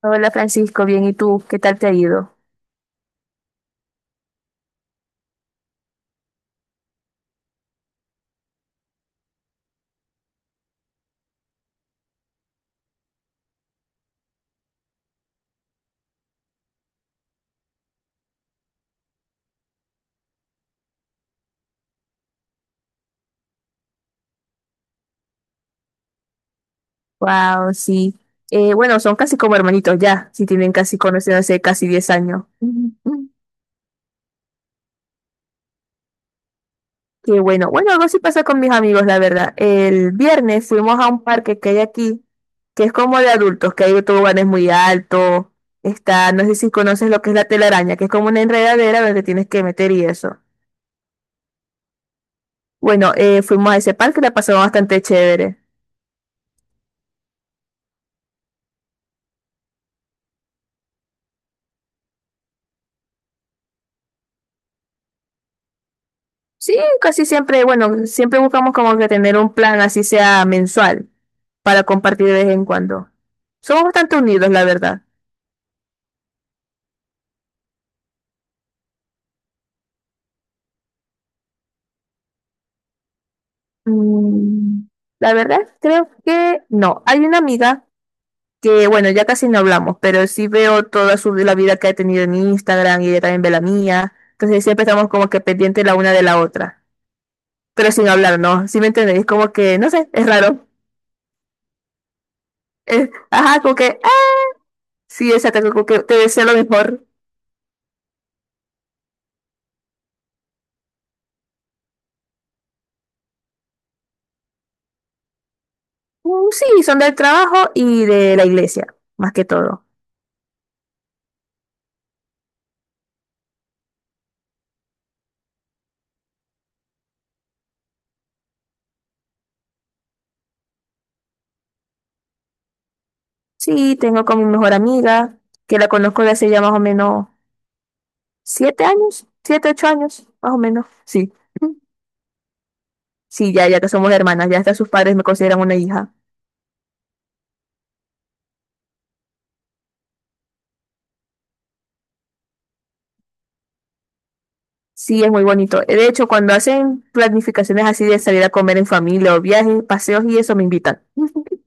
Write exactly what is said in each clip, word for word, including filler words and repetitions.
Hola Francisco, bien, ¿y tú? ¿Qué tal te ha ido? Wow, sí. Eh, bueno, son casi como hermanitos ya, si tienen casi conociéndose casi diez años. Ujú. Ujú. Qué bueno. Bueno, algo sí pasa con mis amigos, la verdad. El viernes fuimos a un parque que hay aquí, que es como de adultos, que hay toboganes muy altos. Está, no sé si conoces lo que es la telaraña, que es como una enredadera donde te tienes que meter y eso. Bueno, eh, fuimos a ese parque, la pasamos bastante chévere. Sí, casi siempre, bueno, siempre buscamos como que tener un plan así sea mensual para compartir de vez en cuando. Somos bastante unidos, la verdad. Mm, La verdad, creo que no. Hay una amiga que, bueno, ya casi no hablamos, pero sí veo toda su, la vida que ha tenido en Instagram y ella también ve la mía. Entonces siempre estamos como que pendientes la una de la otra, pero sin hablar, ¿no? ¿Sí me entendéis? Como que, no sé, es raro. Es- ajá, como que, ah, sí, exacto, como que te deseo lo mejor. Mm, Sí, son del trabajo y de la iglesia, más que todo. Sí, tengo con mi mejor amiga, que la conozco de hace ya más o menos siete años, siete, ocho años, más o menos. Sí, sí, ya, ya que somos hermanas, ya hasta sus padres me consideran una hija. Sí, es muy bonito. De hecho, cuando hacen planificaciones así de salir a comer en familia o viajes, paseos y eso, me invitan.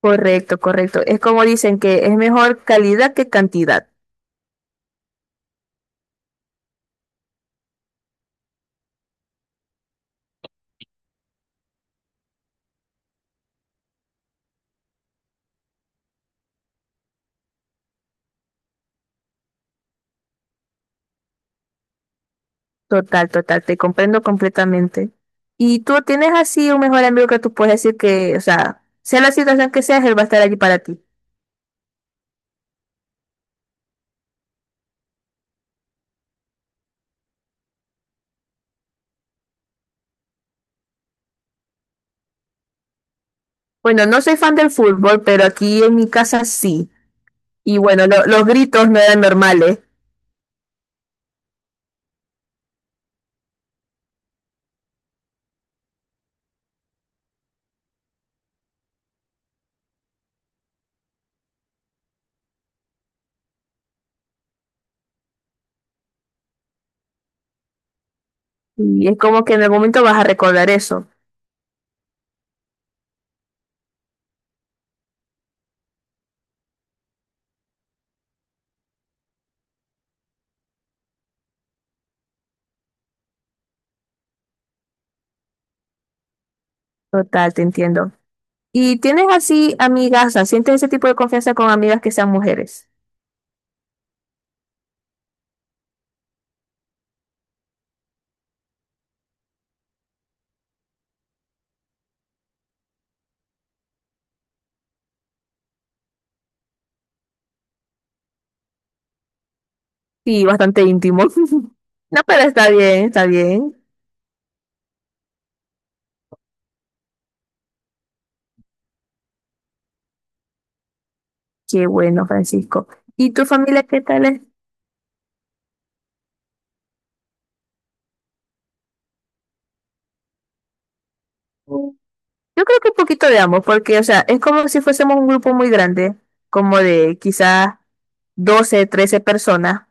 Correcto, correcto. Es como dicen que es mejor calidad que cantidad. Total, total, te comprendo completamente. Y tú tienes así un mejor amigo que tú puedes decir que, o sea, sea la situación que sea, él va a estar allí para ti. Bueno, no soy fan del fútbol, pero aquí en mi casa sí. Y bueno, lo- los gritos no eran normales. Y es como que en el momento vas a recordar eso. Total, te entiendo. ¿Y tienes así amigas, o sea, sientes ese tipo de confianza con amigas que sean mujeres? Sí, bastante íntimo. No, pero está bien, está bien. Qué bueno, Francisco. ¿Y tu familia qué tal es? Yo creo que un poquito de ambos, porque, o sea, es como si fuésemos un grupo muy grande, como de quizás doce trece personas,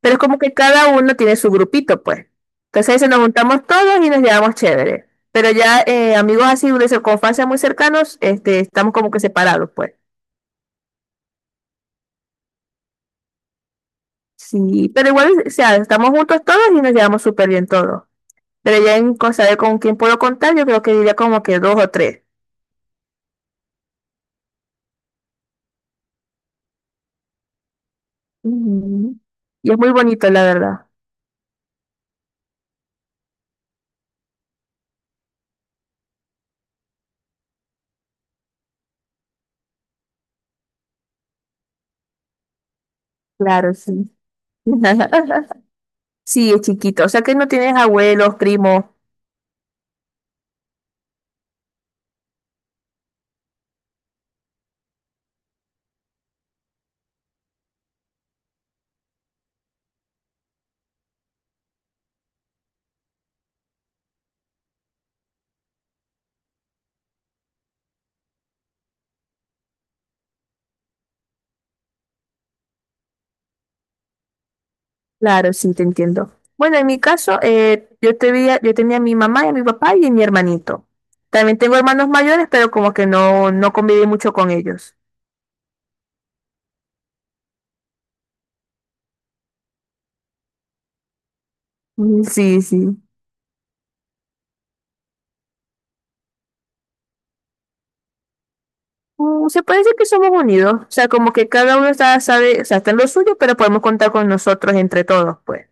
pero es como que cada uno tiene su grupito, pues. Entonces ahí se nos juntamos todos y nos llevamos chévere. Pero ya eh, amigos así de circunstancias muy cercanos, este, estamos como que separados, pues. Sí, pero igual, o sea, estamos juntos todos y nos llevamos súper bien todos. Pero ya en cosa de con quién puedo contar, yo creo que diría como que dos o tres. Ujú. Y es muy bonito, la verdad. Claro, sí. Sí, es chiquito. O sea que no tienes abuelos, primos. Claro, sí, te entiendo. Bueno, en mi caso, eh, yo tenía, yo tenía a mi mamá y a mi papá y a mi hermanito. También tengo hermanos mayores, pero como que no, no conviví mucho con ellos. Mm, Sí, sí. Mm, Se puede decir que somos unidos. O sea, como que cada uno está, sabe, o sea, está en lo suyo, pero podemos contar con nosotros entre todos, pues.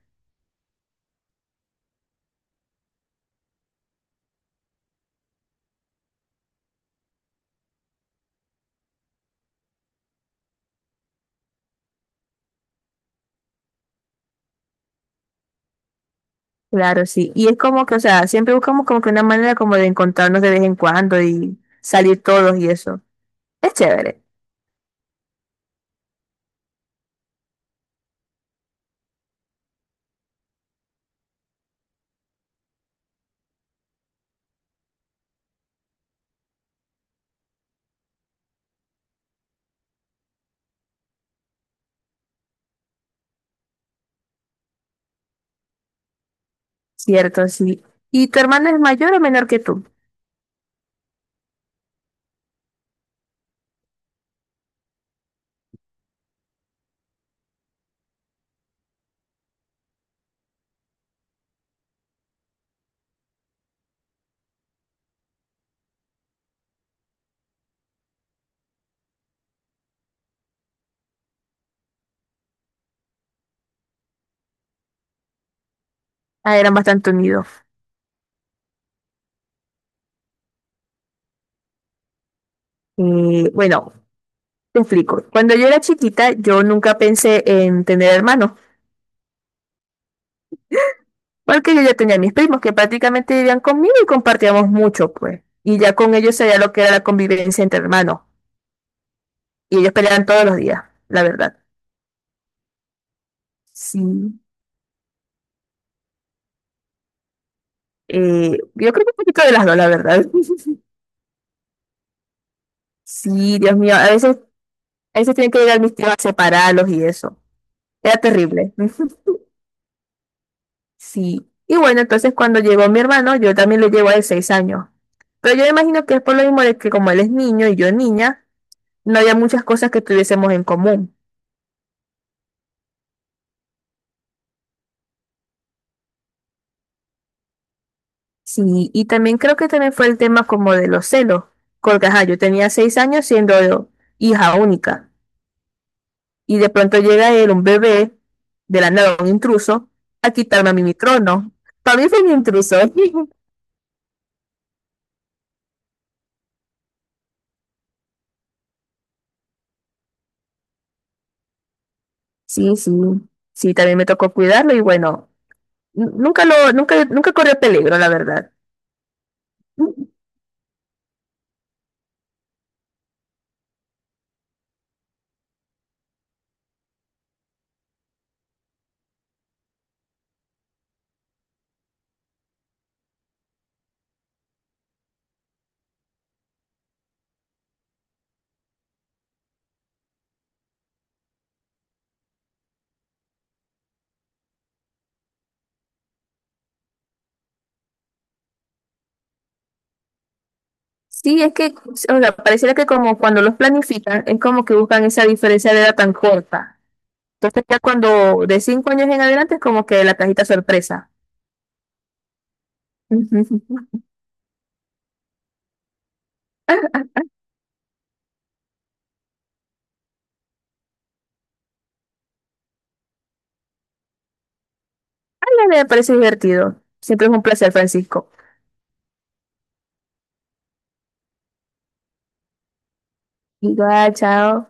Claro, sí. Y es como que, o sea, siempre buscamos como que una manera como de encontrarnos de vez en cuando y salir todos y eso. Es chévere. Cierto, sí. ¿Y tu hermana es mayor o menor que tú? Ah, eran bastante unidos. Eh, bueno, te explico. Cuando yo era chiquita, yo nunca pensé en tener hermanos, porque yo ya tenía mis primos que prácticamente vivían conmigo y compartíamos mucho, pues. Y ya con ellos sabía lo que era la convivencia entre hermanos. Y ellos peleaban todos los días, la verdad. Sí. Eh, yo creo que un poquito de las dos, la verdad. Sí, Dios mío. A veces, a veces tienen que llegar mis tíos a separarlos y eso. Era terrible. Sí. Y bueno, entonces cuando llegó mi hermano, yo también le llevo de seis años. Pero yo me imagino que es por lo mismo de que como él es niño y yo niña, no había muchas cosas que tuviésemos en común. Sí, y también creo que también fue el tema como de los celos, porque ajá, yo tenía seis años siendo hija única, y de pronto llega él, un bebé, de la nada, un intruso, a quitarme a mí mi trono. Para mí fue un intruso. Sí, sí, sí, también me tocó cuidarlo y bueno, n- nunca lo, nunca, nunca corrió peligro, la verdad. Sí, es que, o sea, pareciera que como cuando los planifican, es como que buscan esa diferencia de edad tan corta. Entonces ya cuando de cinco años en adelante es como que la cajita sorpresa. Ujú. Ay, me parece divertido. Siempre es un placer, Francisco. Igual, chao.